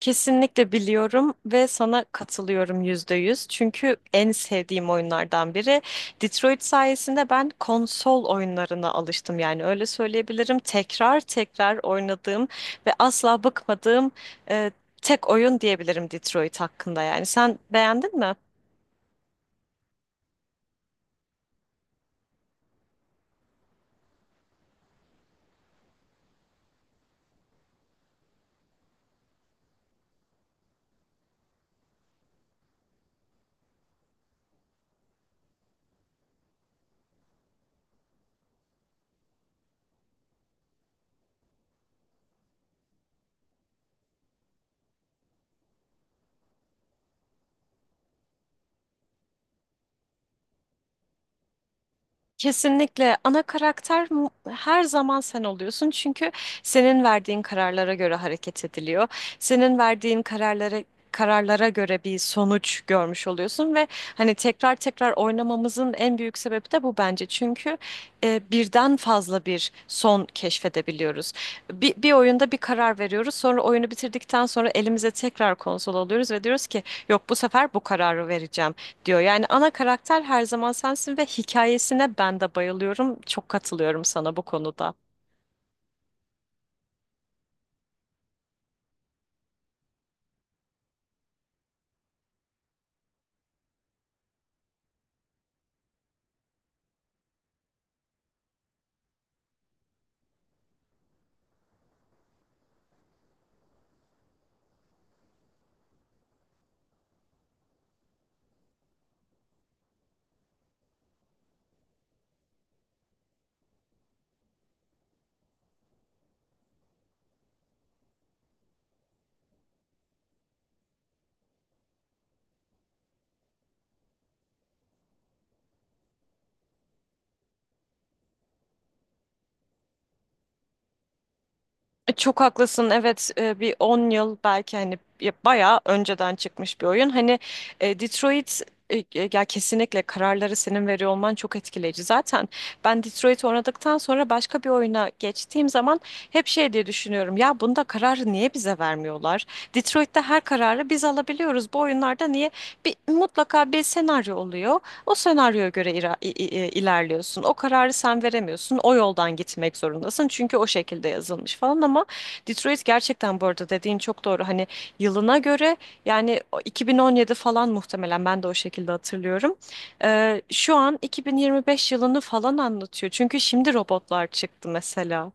Kesinlikle biliyorum ve sana katılıyorum %100. Çünkü en sevdiğim oyunlardan biri. Detroit sayesinde ben konsol oyunlarına alıştım. Yani öyle söyleyebilirim. Tekrar tekrar oynadığım ve asla bıkmadığım e, tek oyun diyebilirim Detroit hakkında. Yani sen beğendin mi? Kesinlikle ana karakter her zaman sen oluyorsun, çünkü senin verdiğin kararlara göre hareket ediliyor. Senin verdiğin kararlara göre bir sonuç görmüş oluyorsun ve hani tekrar tekrar oynamamızın en büyük sebebi de bu, bence. Çünkü birden fazla bir son keşfedebiliyoruz. Bir oyunda bir karar veriyoruz, sonra oyunu bitirdikten sonra elimize tekrar konsol alıyoruz ve diyoruz ki yok, bu sefer bu kararı vereceğim diyor. Yani ana karakter her zaman sensin ve hikayesine ben de bayılıyorum. Çok katılıyorum sana bu konuda. Çok haklısın. Evet, bir 10 yıl belki, hani ya bayağı önceden çıkmış bir oyun. Hani Detroit e, e, ya kesinlikle kararları senin veriyor olman çok etkileyici. Zaten ben Detroit oynadıktan sonra başka bir oyuna geçtiğim zaman hep şey diye düşünüyorum. Ya bunda kararı niye bize vermiyorlar? Detroit'te her kararı biz alabiliyoruz. Bu oyunlarda niye? Bir, mutlaka bir senaryo oluyor. O senaryoya göre ilerliyorsun. O kararı sen veremiyorsun. O yoldan gitmek zorundasın. Çünkü o şekilde yazılmış falan. Ama Detroit, gerçekten bu arada dediğin çok doğru. Hani yılına göre, yani o 2017 falan, muhtemelen ben de o şekilde hatırlıyorum. Şu an 2025 yılını falan anlatıyor. Çünkü şimdi robotlar çıktı mesela.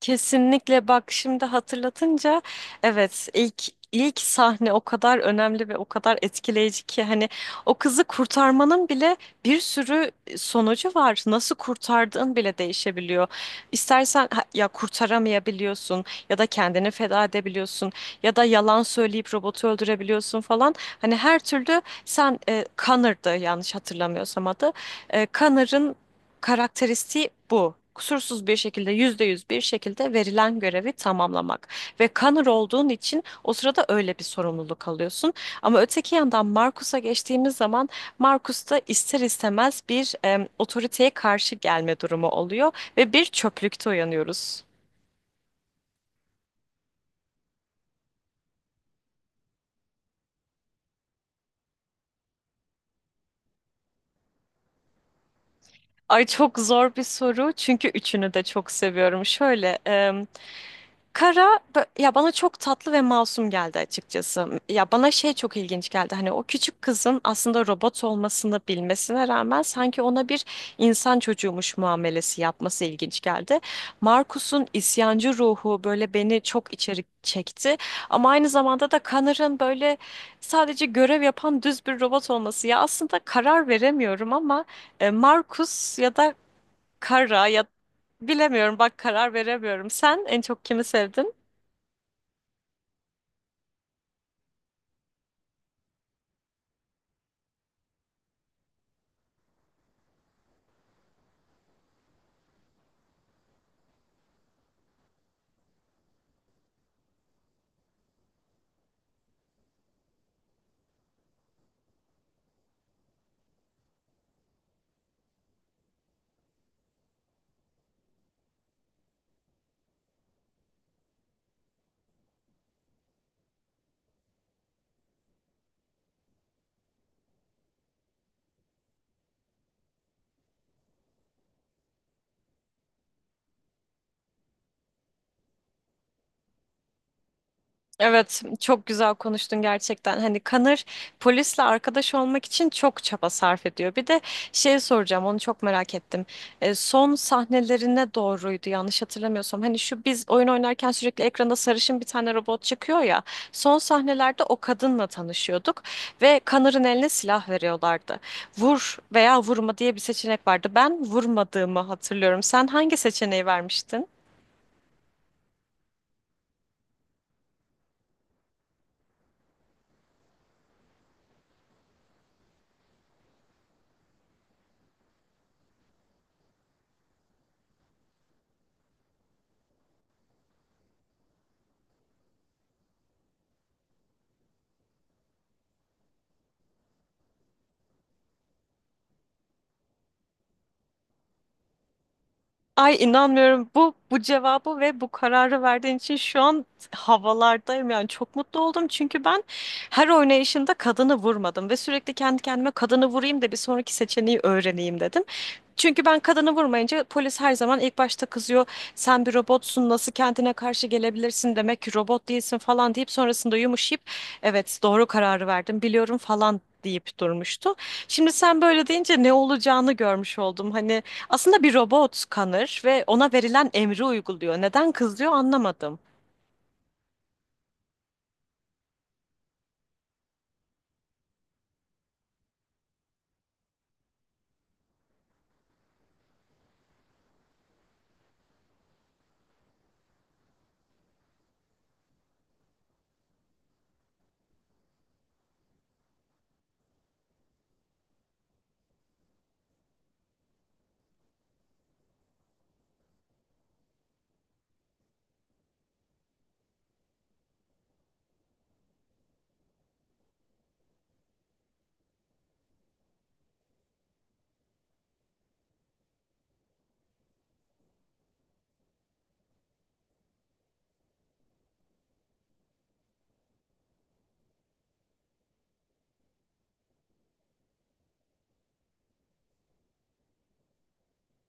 Kesinlikle, bak, şimdi hatırlatınca evet, ilk sahne o kadar önemli ve o kadar etkileyici ki hani o kızı kurtarmanın bile bir sürü sonucu var. Nasıl kurtardığın bile değişebiliyor. İstersen ya kurtaramayabiliyorsun, ya da kendini feda edebiliyorsun, ya da yalan söyleyip robotu öldürebiliyorsun falan. Hani her türlü sen, Connor'dı yanlış hatırlamıyorsam adı. Connor'ın karakteristiği bu. Kusursuz bir şekilde, %100 bir şekilde verilen görevi tamamlamak. Ve Connor olduğun için o sırada öyle bir sorumluluk alıyorsun. Ama öteki yandan Marcus'a geçtiğimiz zaman, Marcus da ister istemez bir otoriteye karşı gelme durumu oluyor ve bir çöplükte uyanıyoruz. Ay, çok zor bir soru, çünkü üçünü de çok seviyorum. Şöyle, Kara, ya, bana çok tatlı ve masum geldi açıkçası. Ya, bana şey çok ilginç geldi. Hani o küçük kızın aslında robot olmasını bilmesine rağmen sanki ona bir insan çocuğumuş muamelesi yapması ilginç geldi. Markus'un isyancı ruhu böyle beni çok içeri çekti. Ama aynı zamanda da Connor'ın böyle sadece görev yapan düz bir robot olması. Ya aslında karar veremiyorum ama Markus ya da Kara, ya bilemiyorum bak, karar veremiyorum. Sen en çok kimi sevdin? Evet, çok güzel konuştun gerçekten. Hani Kanır polisle arkadaş olmak için çok çaba sarf ediyor. Bir de şey soracağım, onu çok merak ettim. Son sahnelerine doğruydu yanlış hatırlamıyorsam. Hani şu, biz oyun oynarken sürekli ekranda sarışın bir tane robot çıkıyor ya. Son sahnelerde o kadınla tanışıyorduk ve Kanır'ın eline silah veriyorlardı. Vur veya vurma diye bir seçenek vardı. Ben vurmadığımı hatırlıyorum. Sen hangi seçeneği vermiştin? Ay, inanmıyorum bu cevabı ve bu kararı verdiğin için şu an havalardayım, yani çok mutlu oldum. Çünkü ben her oynayışında kadını vurmadım ve sürekli kendi kendime kadını vurayım da bir sonraki seçeneği öğreneyim dedim. Çünkü ben kadını vurmayınca polis her zaman ilk başta kızıyor. Sen bir robotsun, nasıl kendine karşı gelebilirsin, demek ki robot değilsin falan deyip sonrasında yumuşayıp evet doğru kararı verdim biliyorum falan deyip durmuştu. Şimdi sen böyle deyince ne olacağını görmüş oldum. Hani aslında bir robot Connor ve ona verilen emri uyguluyor. Neden kızıyor anlamadım.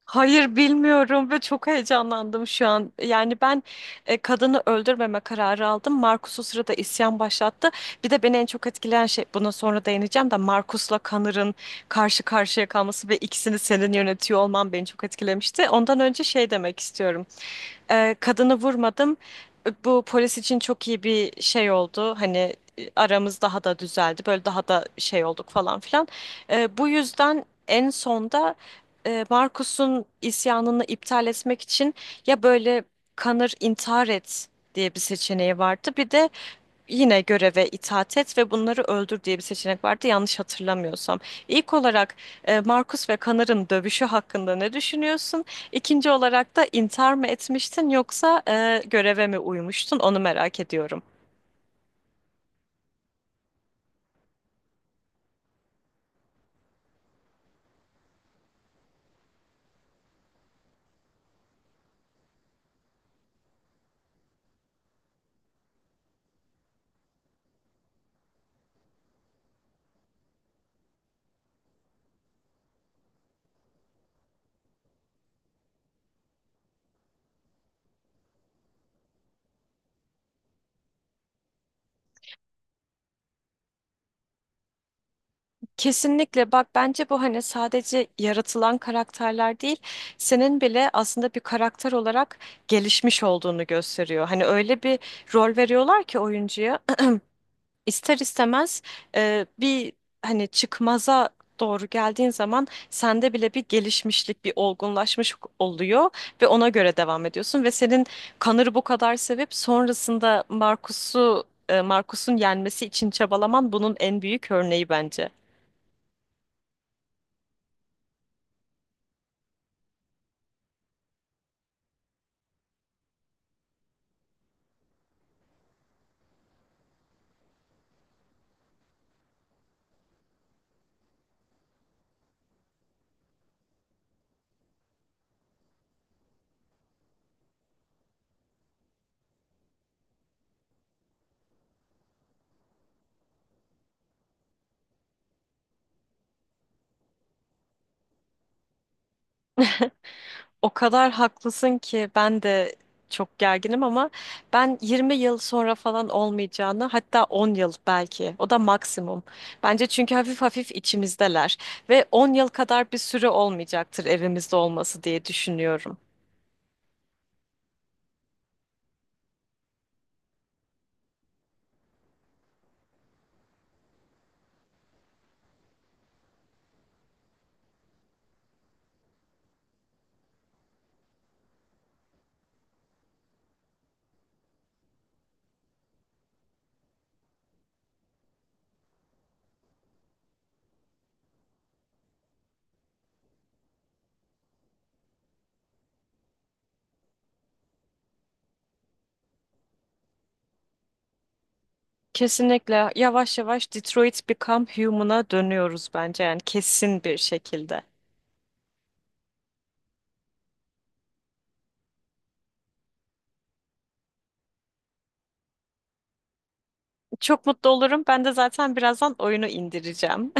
Hayır, bilmiyorum ve çok heyecanlandım şu an. Yani ben kadını öldürmeme kararı aldım. Marcus o sırada isyan başlattı. Bir de beni en çok etkileyen şey, buna sonra değineceğim, de Marcus'la Connor'ın karşı karşıya kalması ve ikisini senin yönetiyor olman beni çok etkilemişti. Ondan önce şey demek istiyorum. Kadını vurmadım. Bu polis için çok iyi bir şey oldu. Hani aramız daha da düzeldi. Böyle daha da şey olduk falan filan. Bu yüzden en sonda Marcus'un isyanını iptal etmek için, ya böyle, kanır intihar et diye bir seçeneği vardı. Bir de yine göreve itaat et ve bunları öldür diye bir seçenek vardı yanlış hatırlamıyorsam. İlk olarak Markus ve Kanar'ın dövüşü hakkında ne düşünüyorsun? İkinci olarak da intihar mı etmiştin, yoksa göreve mi uymuştun? Onu merak ediyorum. Kesinlikle, bak, bence bu hani sadece yaratılan karakterler değil, senin bile aslında bir karakter olarak gelişmiş olduğunu gösteriyor. Hani öyle bir rol veriyorlar ki oyuncuya ister istemez bir hani çıkmaza doğru geldiğin zaman sende bile bir gelişmişlik, bir olgunlaşmış oluyor ve ona göre devam ediyorsun ve senin Connor'ı bu kadar sevip sonrasında Marcus'un yenmesi için çabalaman bunun en büyük örneği bence. O kadar haklısın ki. Ben de çok gerginim ama ben 20 yıl sonra falan olmayacağını, hatta 10 yıl belki, o da maksimum. Bence çünkü hafif hafif içimizdeler ve 10 yıl kadar bir süre olmayacaktır evimizde olması, diye düşünüyorum. Kesinlikle yavaş yavaş Detroit Become Human'a dönüyoruz bence, yani kesin bir şekilde. Çok mutlu olurum. Ben de zaten birazdan oyunu indireceğim.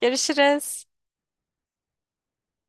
Görüşürüz.